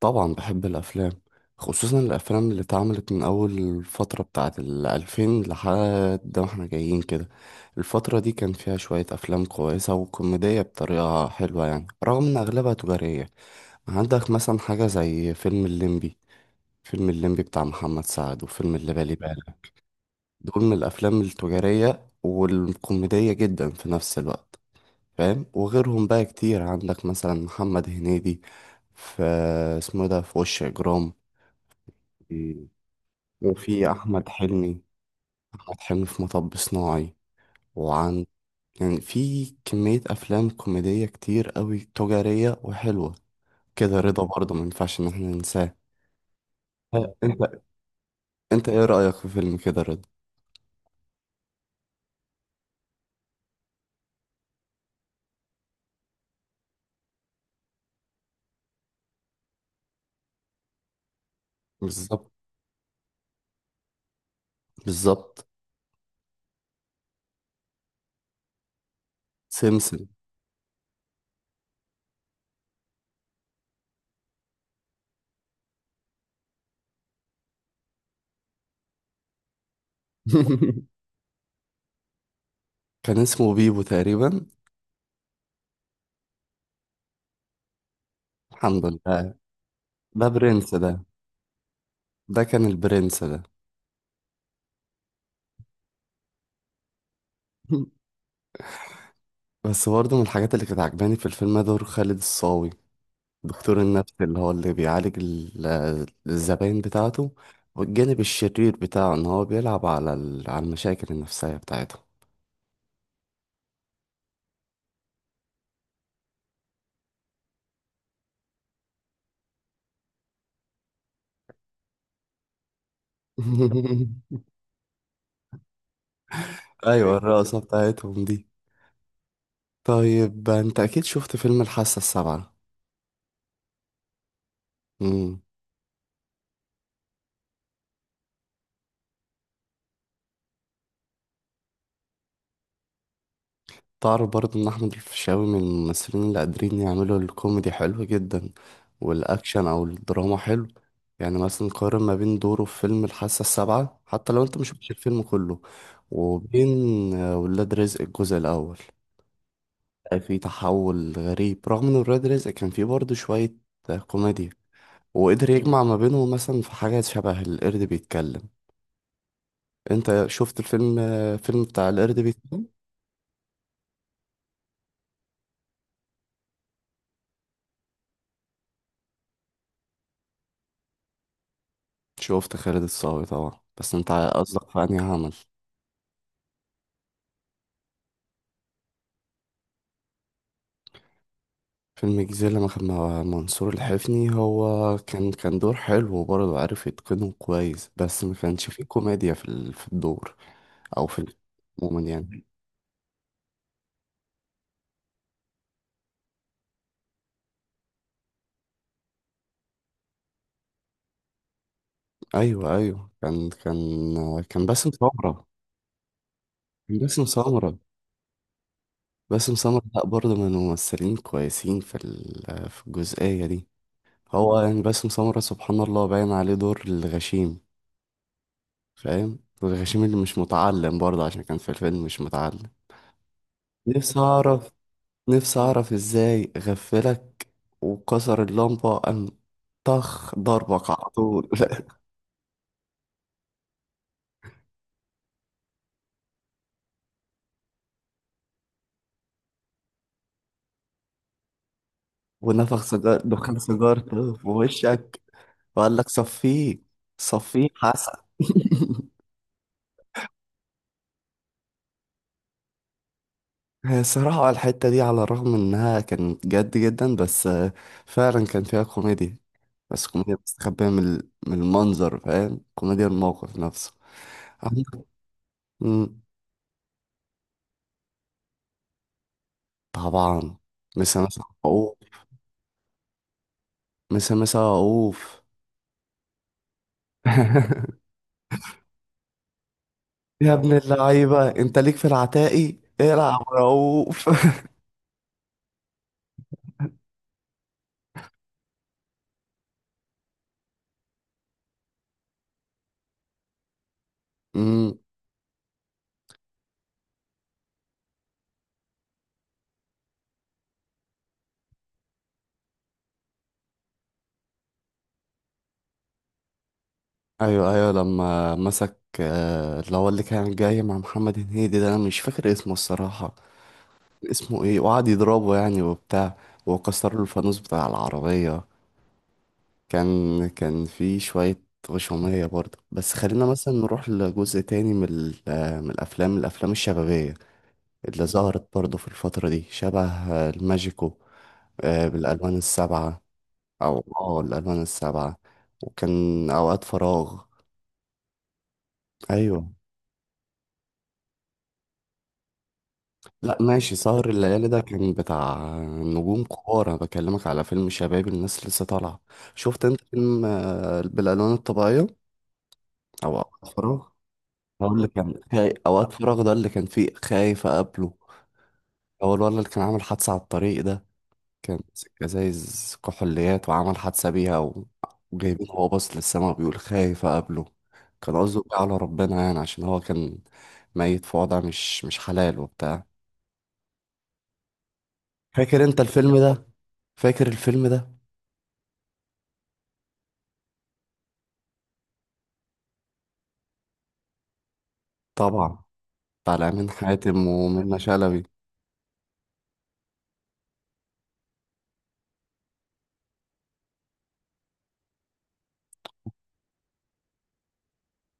طبعا بحب الافلام. خصوصا الافلام اللي اتعملت من اول الفتره بتاعت الالفين لحد ما احنا جايين كده. الفتره دي كان فيها شويه افلام كويسه وكوميديه بطريقه حلوه، يعني رغم ان اغلبها تجاريه. عندك مثلا حاجه زي فيلم الليمبي. فيلم الليمبي بتاع محمد سعد، وفيلم اللي بالي بالك. دول من الافلام التجاريه والكوميديه جدا في نفس الوقت. فاهم؟ وغيرهم بقى كتير. عندك مثلا محمد هنيدي، في، اسمه إيه ده، في وش اجرام. مم. وفي أحمد حلمي. أحمد حلمي في مطب صناعي. وعن يعني في كمية أفلام كوميدية كتير قوي تجارية وحلوة. كده رضا برضه ما ينفعش إن احنا ننساه. ها، أنت. أنت إيه رأيك في فيلم كده رضا؟ بالظبط، بالظبط. سمسم. كان اسمه بيبو تقريبا. الحمد لله. ده برنس ده كان البرنس ده. بس برضه من الحاجات اللي كانت عجباني في الفيلم ده دور خالد الصاوي. دكتور النفس اللي هو اللي بيعالج الزباين بتاعته. والجانب الشرير بتاعه ان هو بيلعب على المشاكل النفسية بتاعتهم. ايوه، ايوه، الرقصة بتاعتهم دي. طيب انت اكيد شفت فيلم الحاسة السابعة. تعرف برضه ان احمد الفيشاوي من الممثلين اللي قادرين يعملوا الكوميدي حلو جدا. والاكشن او الدراما حلو. يعني مثلا قارن ما بين دوره في فيلم الحاسة السابعة، حتى لو انت مش شفتش الفيلم كله، وبين ولاد رزق الجزء الاول. في تحول غريب، رغم ان ولاد رزق كان فيه برضه شوية كوميديا. وقدر يجمع ما بينهم، مثلا في حاجات شبه القرد بيتكلم. انت شفت الفيلم فيلم بتاع القرد بيتكلم؟ شفت خالد الصاوي طبعا، بس انت قصدك في انهي عمل؟ فيلم الجزيرة لما كان مع منصور الحفني، هو كان دور حلو وبرضه عارف يتقنه كويس، بس ما كانش فيه كوميديا في الدور. او في ال- عموما يعني. ايوه، ايوه، كان باسم سمرة. كان باسم سمرة. باسم سمرة لا برضه من الممثلين كويسين في الجزئية دي. هو يعني باسم سمرة سبحان الله باين عليه دور الغشيم. فاهم؟ الغشيم اللي مش متعلم، برضه عشان كان في الفيلم مش متعلم. نفسي أعرف. نفسي أعرف إزاي غفلك وكسر اللمبة، قام طخ ضربك على طول. ونفخ دخان سيجارته في وشك، وقال لك صفيه. صفيه حسن. هي الصراحة الحتة دي على الرغم إنها كانت جد جدا، بس فعلا كان فيها كوميديا. بس كوميديا مستخبية من المنظر. فاهم؟ كوميديا الموقف نفسه. عندك- مم، طبعا. مسا مسا عقوق. مسا مسا عقوف. يا ابن اللعيبة، انت ليك في العتاقي. العب رؤوف. امم ايوه، ايوه، لما مسك اللي هو اللي كان جاي مع محمد هنيدي ده، انا مش فاكر اسمه الصراحة. اسمه ايه، وقعد يضربه يعني وبتاع، وكسر له الفانوس بتاع العربية. كان في شوية غشومية برضه. بس خلينا مثلا نروح لجزء تاني من ال- آه، من الافلام الشبابية اللي ظهرت برضه في الفترة دي، شبه الماجيكو. بالالوان السبعة، او الالوان السبعه، وكان اوقات فراغ. ايوه. لا ماشي، سهر الليالي ده كان بتاع نجوم كبار، انا بكلمك على فيلم شباب الناس لسه طالعه. شفت انت فيلم بالالوان الطبيعيه، او اوقات فراغ؟ هقول لك، كان اوقات فراغ ده اللي كان فيه خايف اقابله. هو الولد اللي كان عامل حادثه على الطريق ده، كان ماسك ازايز كحوليات وعمل حادثة بيها وجايبين هو باص للسما بيقول خايف أقابله. كان قصده بيه على ربنا، يعني عشان هو كان ميت في وضع مش حلال وبتاع. فاكر انت الفيلم ده؟ فاكر الفيلم ده؟ طبعا. بتاع الأمين حاتم ومنة شلبي.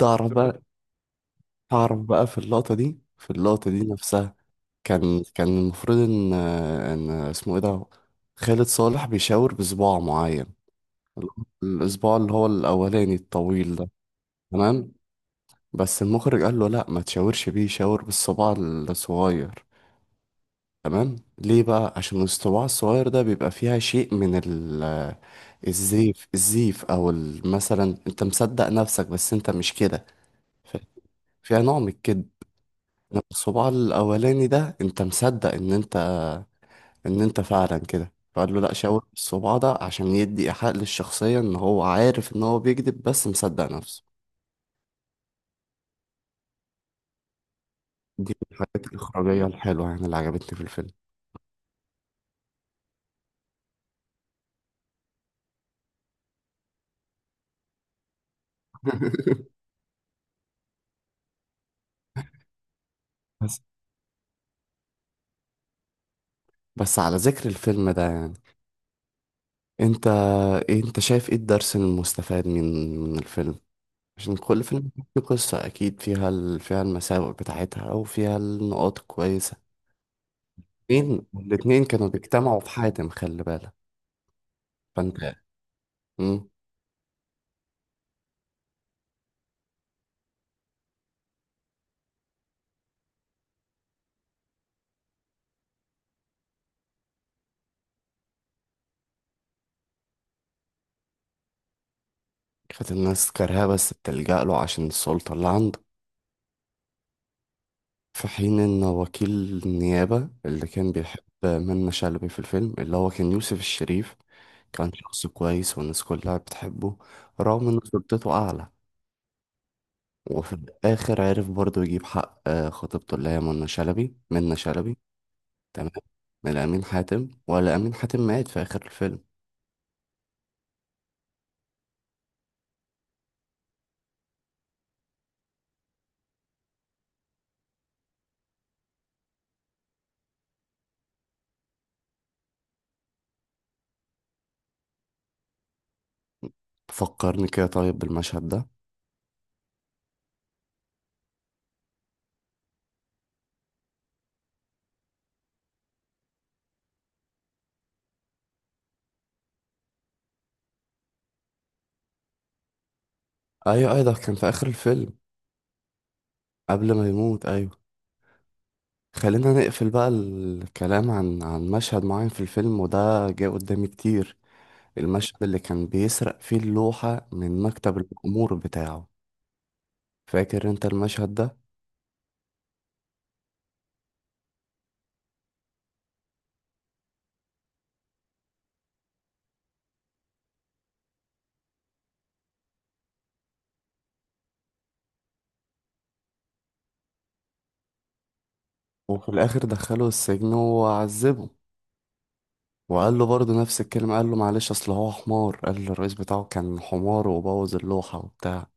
تعرف بقى. تعرف بقى في اللقطة دي، في اللقطة دي نفسها كان المفروض ان اسمه ايه ده، خالد صالح، بيشاور بصباع معين. الاسبوع اللي هو الاولاني الطويل ده. تمام؟ بس المخرج قال له لا، ما تشاورش بيه، شاور بالصباع الصغير. تمام. ليه بقى؟ عشان الصباع الصغير ده بيبقى فيها شيء من الزيف، او مثلا انت مصدق نفسك بس انت مش كده. ف- فيها نوع من الكذب. إنما الصباع الاولاني ده انت مصدق ان انت فعلا كده. فقال له لا، شاور بالصباع ده عشان يدي ايحاء للشخصية ان هو عارف ان هو بيكذب بس مصدق نفسه. دي من الحاجات الإخراجية الحلوة يعني اللي عجبتني في الفيلم. بس على ذكر الفيلم ده، يعني انت انت شايف ايه الدرس المستفاد من الفيلم؟ عشان كل فيلم فيه قصة اكيد فيها فيها المساوئ بتاعتها او فيها النقاط الكويسة. الاتنين كانوا بيجتمعوا في حاتم، خلي بالك. فانت مم. كانت الناس كارهاه، بس بتلجأ له عشان السلطة اللي عنده. في حين ان وكيل النيابة اللي كان بيحب منة شلبي في الفيلم، اللي هو كان يوسف الشريف، كان شخص كويس والناس كلها بتحبه، رغم ان سلطته اعلى. وفي الآخر عرف برضو يجيب حق خطيبته اللي هي منى شلبي. تمام. من أمين حاتم، ولا أمين حاتم مات في آخر الفيلم؟ فكرني كده طيب بالمشهد ده. أيوة، أيوة، ده كان في آخر الفيلم قبل ما يموت. أيوة. خلينا نقفل بقى الكلام عن مشهد معين في الفيلم، وده جه قدامي كتير. المشهد اللي كان بيسرق فيه اللوحة من مكتب الأمور بتاعه. فاكر انت المشهد ده؟ وفي الآخر دخله السجن وعذبه، وقال له برضه نفس الكلمة. قال له معلش أصل هو حمار. قال له الرئيس بتاعه كان حمار وبوظ اللوحة وبتاع.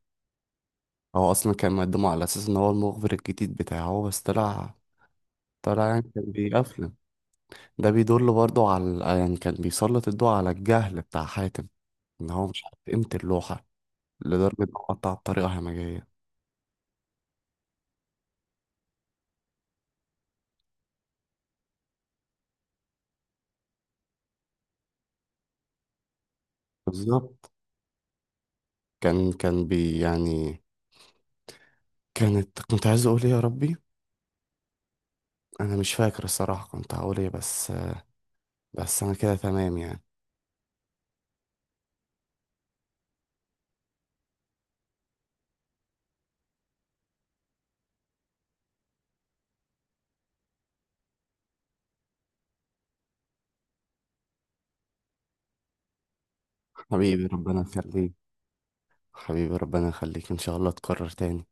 هو أصلا كان مقدمه على أساس إن هو المخبر الجديد بتاعه، بس طلع يعني كان بيقفله. ده بيدل برضه على، يعني كان بيسلط الضوء على الجهل بتاع حاتم، إن هو مش عارف قيمة اللوحة لدرجة إنه قطع بطريقة همجية. بالظبط. كان يعني. كنت عايز أقول إيه يا ربي. أنا مش فاكر الصراحة كنت هقول إيه، بس بس أنا كده تمام يعني. حبيبي ربنا يخليك. حبيبي ربنا يخليك، ان شاء الله تكرر تاني.